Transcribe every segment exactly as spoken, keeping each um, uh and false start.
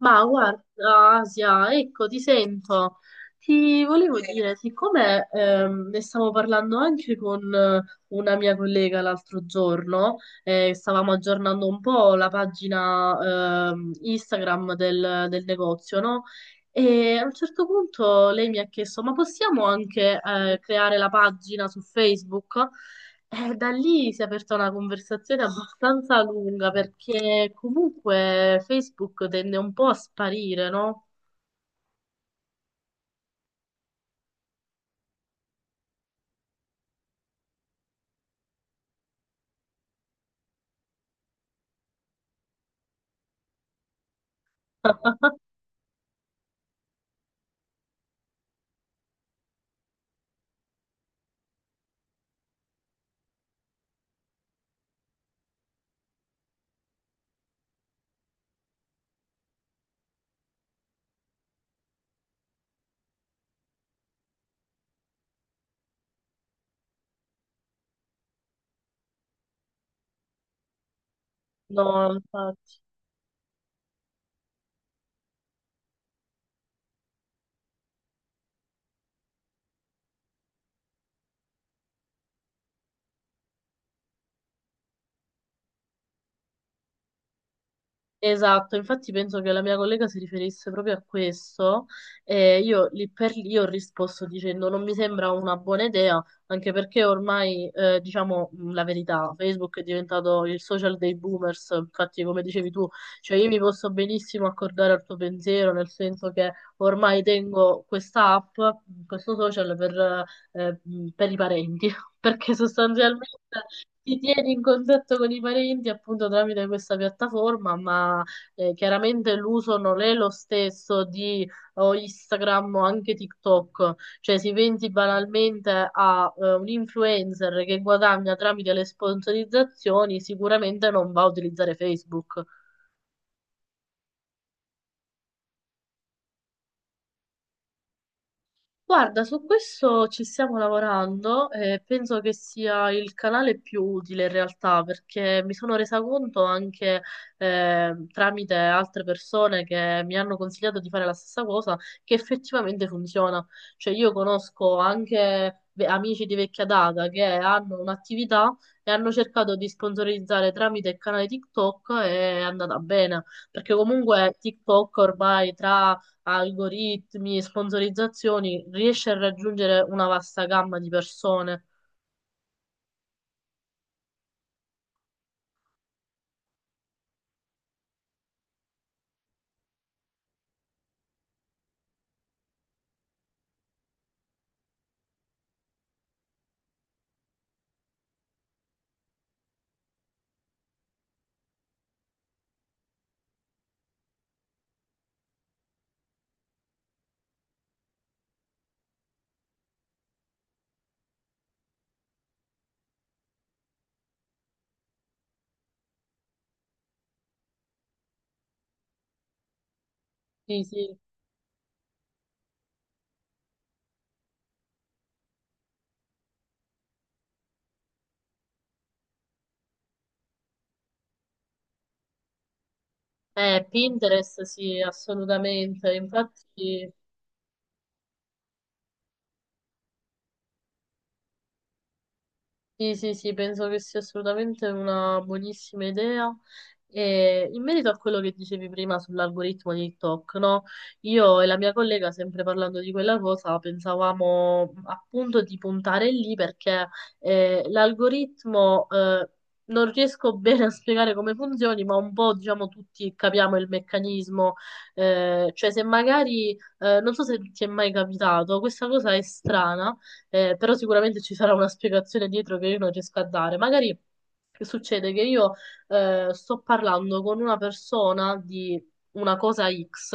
Ma guarda, Asia, ecco, ti sento. Ti volevo dire, siccome ehm, ne stavo parlando anche con eh, una mia collega l'altro giorno. Eh, stavamo aggiornando un po' la pagina ehm, Instagram del, del negozio, no? E a un certo punto lei mi ha chiesto, ma possiamo anche eh, creare la pagina su Facebook? Eh, da lì si è aperta una conversazione abbastanza lunga perché comunque Facebook tende un po' a sparire, no? No, infatti. Esatto, infatti penso che la mia collega si riferisse proprio a questo e io lì per lì ho risposto dicendo non mi sembra una buona idea, anche perché ormai eh, diciamo mh, la verità, Facebook è diventato il social dei boomers, infatti come dicevi tu, cioè io mi posso benissimo accordare al tuo pensiero, nel senso che ormai tengo questa app, questo social per, eh, mh, per i parenti, perché sostanzialmente ti tieni in contatto con i parenti appunto tramite questa piattaforma, ma eh, chiaramente l'uso non è lo stesso di o Instagram o anche TikTok, cioè si pensi banalmente a eh, un influencer che guadagna tramite le sponsorizzazioni, sicuramente non va a utilizzare Facebook. Guarda, su questo ci stiamo lavorando e penso che sia il canale più utile in realtà perché mi sono resa conto anche eh, tramite altre persone che mi hanno consigliato di fare la stessa cosa che effettivamente funziona. Cioè io conosco anche ve- amici di vecchia data che hanno un'attività e hanno cercato di sponsorizzare tramite il canale TikTok e è andata bene perché comunque TikTok ormai tra algoritmi, sponsorizzazioni, riesce a raggiungere una vasta gamma di persone. Sì, sì. Eh, Pinterest, sì, assolutamente. Infatti, sì, sì, sì, penso che sia assolutamente una buonissima idea. E in merito a quello che dicevi prima sull'algoritmo di TikTok, no? Io e la mia collega, sempre parlando di quella cosa, pensavamo appunto di puntare lì perché eh, l'algoritmo eh, non riesco bene a spiegare come funzioni, ma un po' diciamo tutti capiamo il meccanismo. Eh, cioè, se magari, eh, non so se ti è mai capitato, questa cosa è strana eh, però sicuramente ci sarà una spiegazione dietro che io non riesco a dare. Magari che succede che io eh, sto parlando con una persona di una cosa X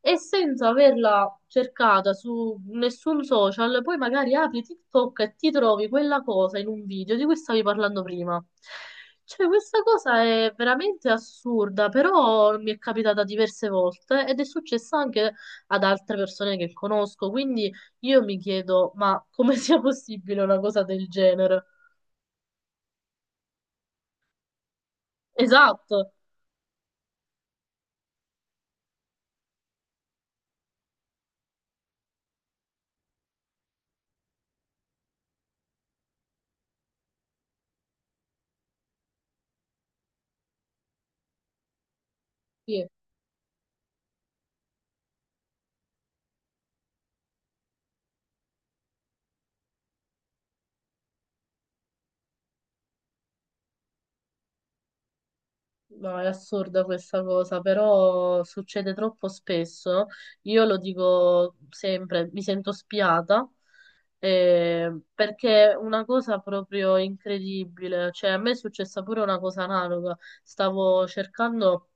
e senza averla cercata su nessun social, poi magari apri TikTok e ti trovi quella cosa in un video di cui stavi parlando prima. Cioè, questa cosa è veramente assurda, però mi è capitata diverse volte ed è successa anche ad altre persone che conosco, quindi io mi chiedo, ma come sia possibile una cosa del genere? Esatto, sì. No, è assurda questa cosa, però succede troppo spesso. Io lo dico sempre, mi sento spiata, eh, perché è una cosa proprio incredibile. Cioè, a me è successa pure una cosa analoga. Stavo cercando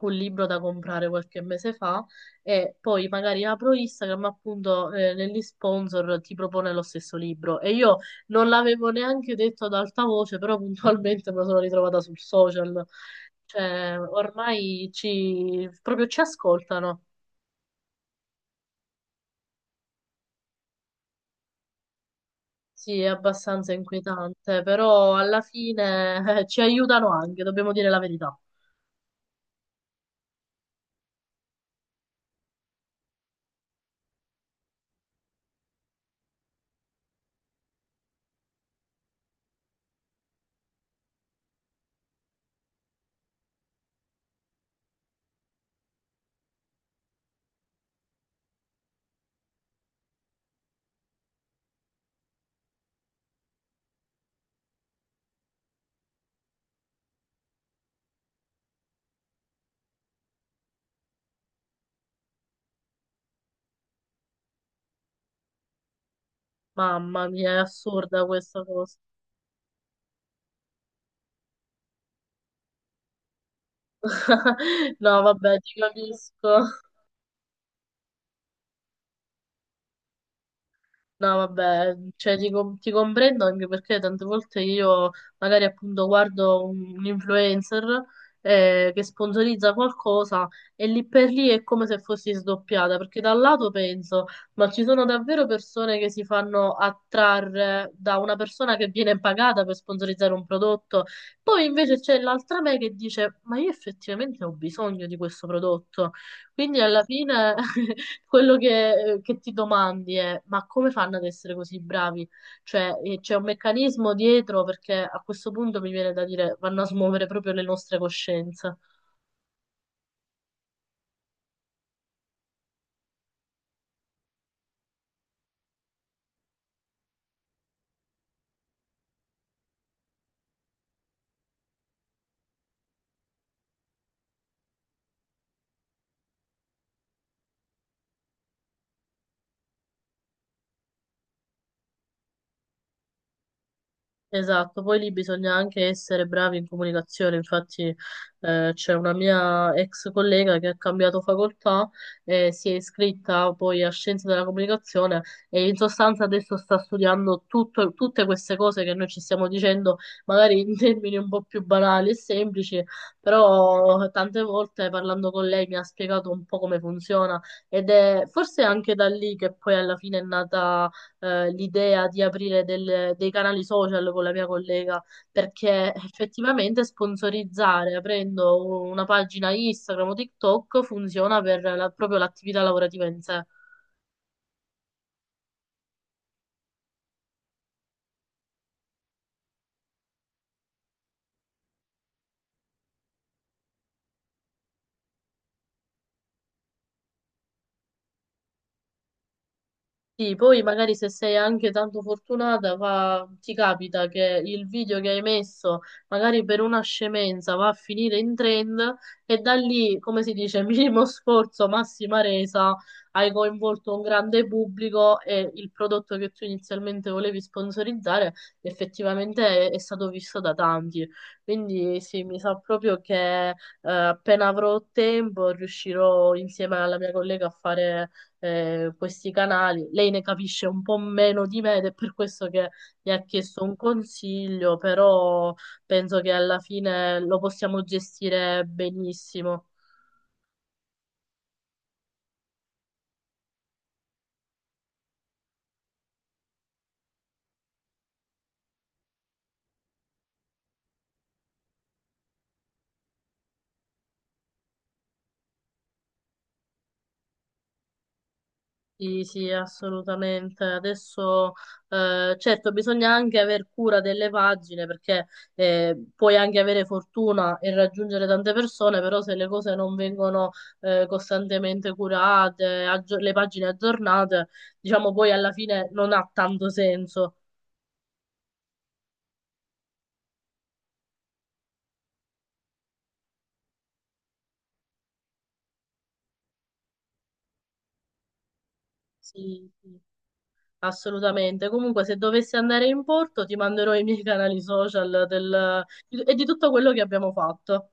un libro da comprare qualche mese fa e poi magari apro Instagram, appunto, eh, negli sponsor ti propone lo stesso libro. E io non l'avevo neanche detto ad alta voce, però puntualmente me lo sono ritrovata sul social. Cioè, ormai ci, proprio ci ascoltano. Sì, è abbastanza inquietante, però alla fine eh, ci aiutano anche, dobbiamo dire la verità. Mamma mia, è assurda questa cosa. No, vabbè, ti capisco. No, vabbè, cioè, ti, com- ti comprendo anche perché tante volte io magari appunto guardo un, un influencer eh, che sponsorizza qualcosa e lì per lì è come se fossi sdoppiata, perché da un lato penso, ma ci sono davvero persone che si fanno attrarre da una persona che viene pagata per sponsorizzare un prodotto, poi invece c'è l'altra me che dice, ma io effettivamente ho bisogno di questo prodotto, quindi alla fine quello che, eh, che ti domandi è: ma come fanno ad essere così bravi? Cioè, eh, c'è un meccanismo dietro perché a questo punto mi viene da dire vanno a smuovere proprio le nostre coscienze. Esatto, poi lì bisogna anche essere bravi in comunicazione, infatti eh, c'è una mia ex collega che ha cambiato facoltà e si è iscritta poi a Scienze della Comunicazione e in sostanza adesso sta studiando tutto- tutte queste cose che noi ci stiamo dicendo, magari in termini un po' più banali e semplici, però tante volte parlando con lei mi ha spiegato un po' come funziona ed è forse anche da lì che poi alla fine è nata eh, l'idea di aprire del- dei canali social con la mia collega, perché effettivamente sponsorizzare aprendo una pagina Instagram o TikTok funziona per la- proprio l'attività lavorativa in sé. Sì, poi magari se sei anche tanto fortunata, va- ti capita che il video che hai messo, magari per una scemenza, va a finire in trend e da lì, come si dice, minimo sforzo, massima resa, hai coinvolto un grande pubblico e il prodotto che tu inizialmente volevi sponsorizzare effettivamente è, è stato visto da tanti. Quindi sì, mi sa proprio che eh, appena avrò tempo riuscirò insieme alla mia collega a fare eh, questi canali. Lei ne capisce un po' meno di me ed è per questo che mi ha chiesto un consiglio, però penso che alla fine lo possiamo gestire benissimo. Sì, sì, assolutamente. Adesso, eh, certo, bisogna anche aver cura delle pagine perché eh, puoi anche avere fortuna e raggiungere tante persone, però se le cose non vengono eh, costantemente curate, aggi- le pagine aggiornate, diciamo poi alla fine non ha tanto senso. Sì, sì, assolutamente. Comunque, se dovessi andare in porto, ti manderò i miei canali social del- e di tutto quello che abbiamo fatto.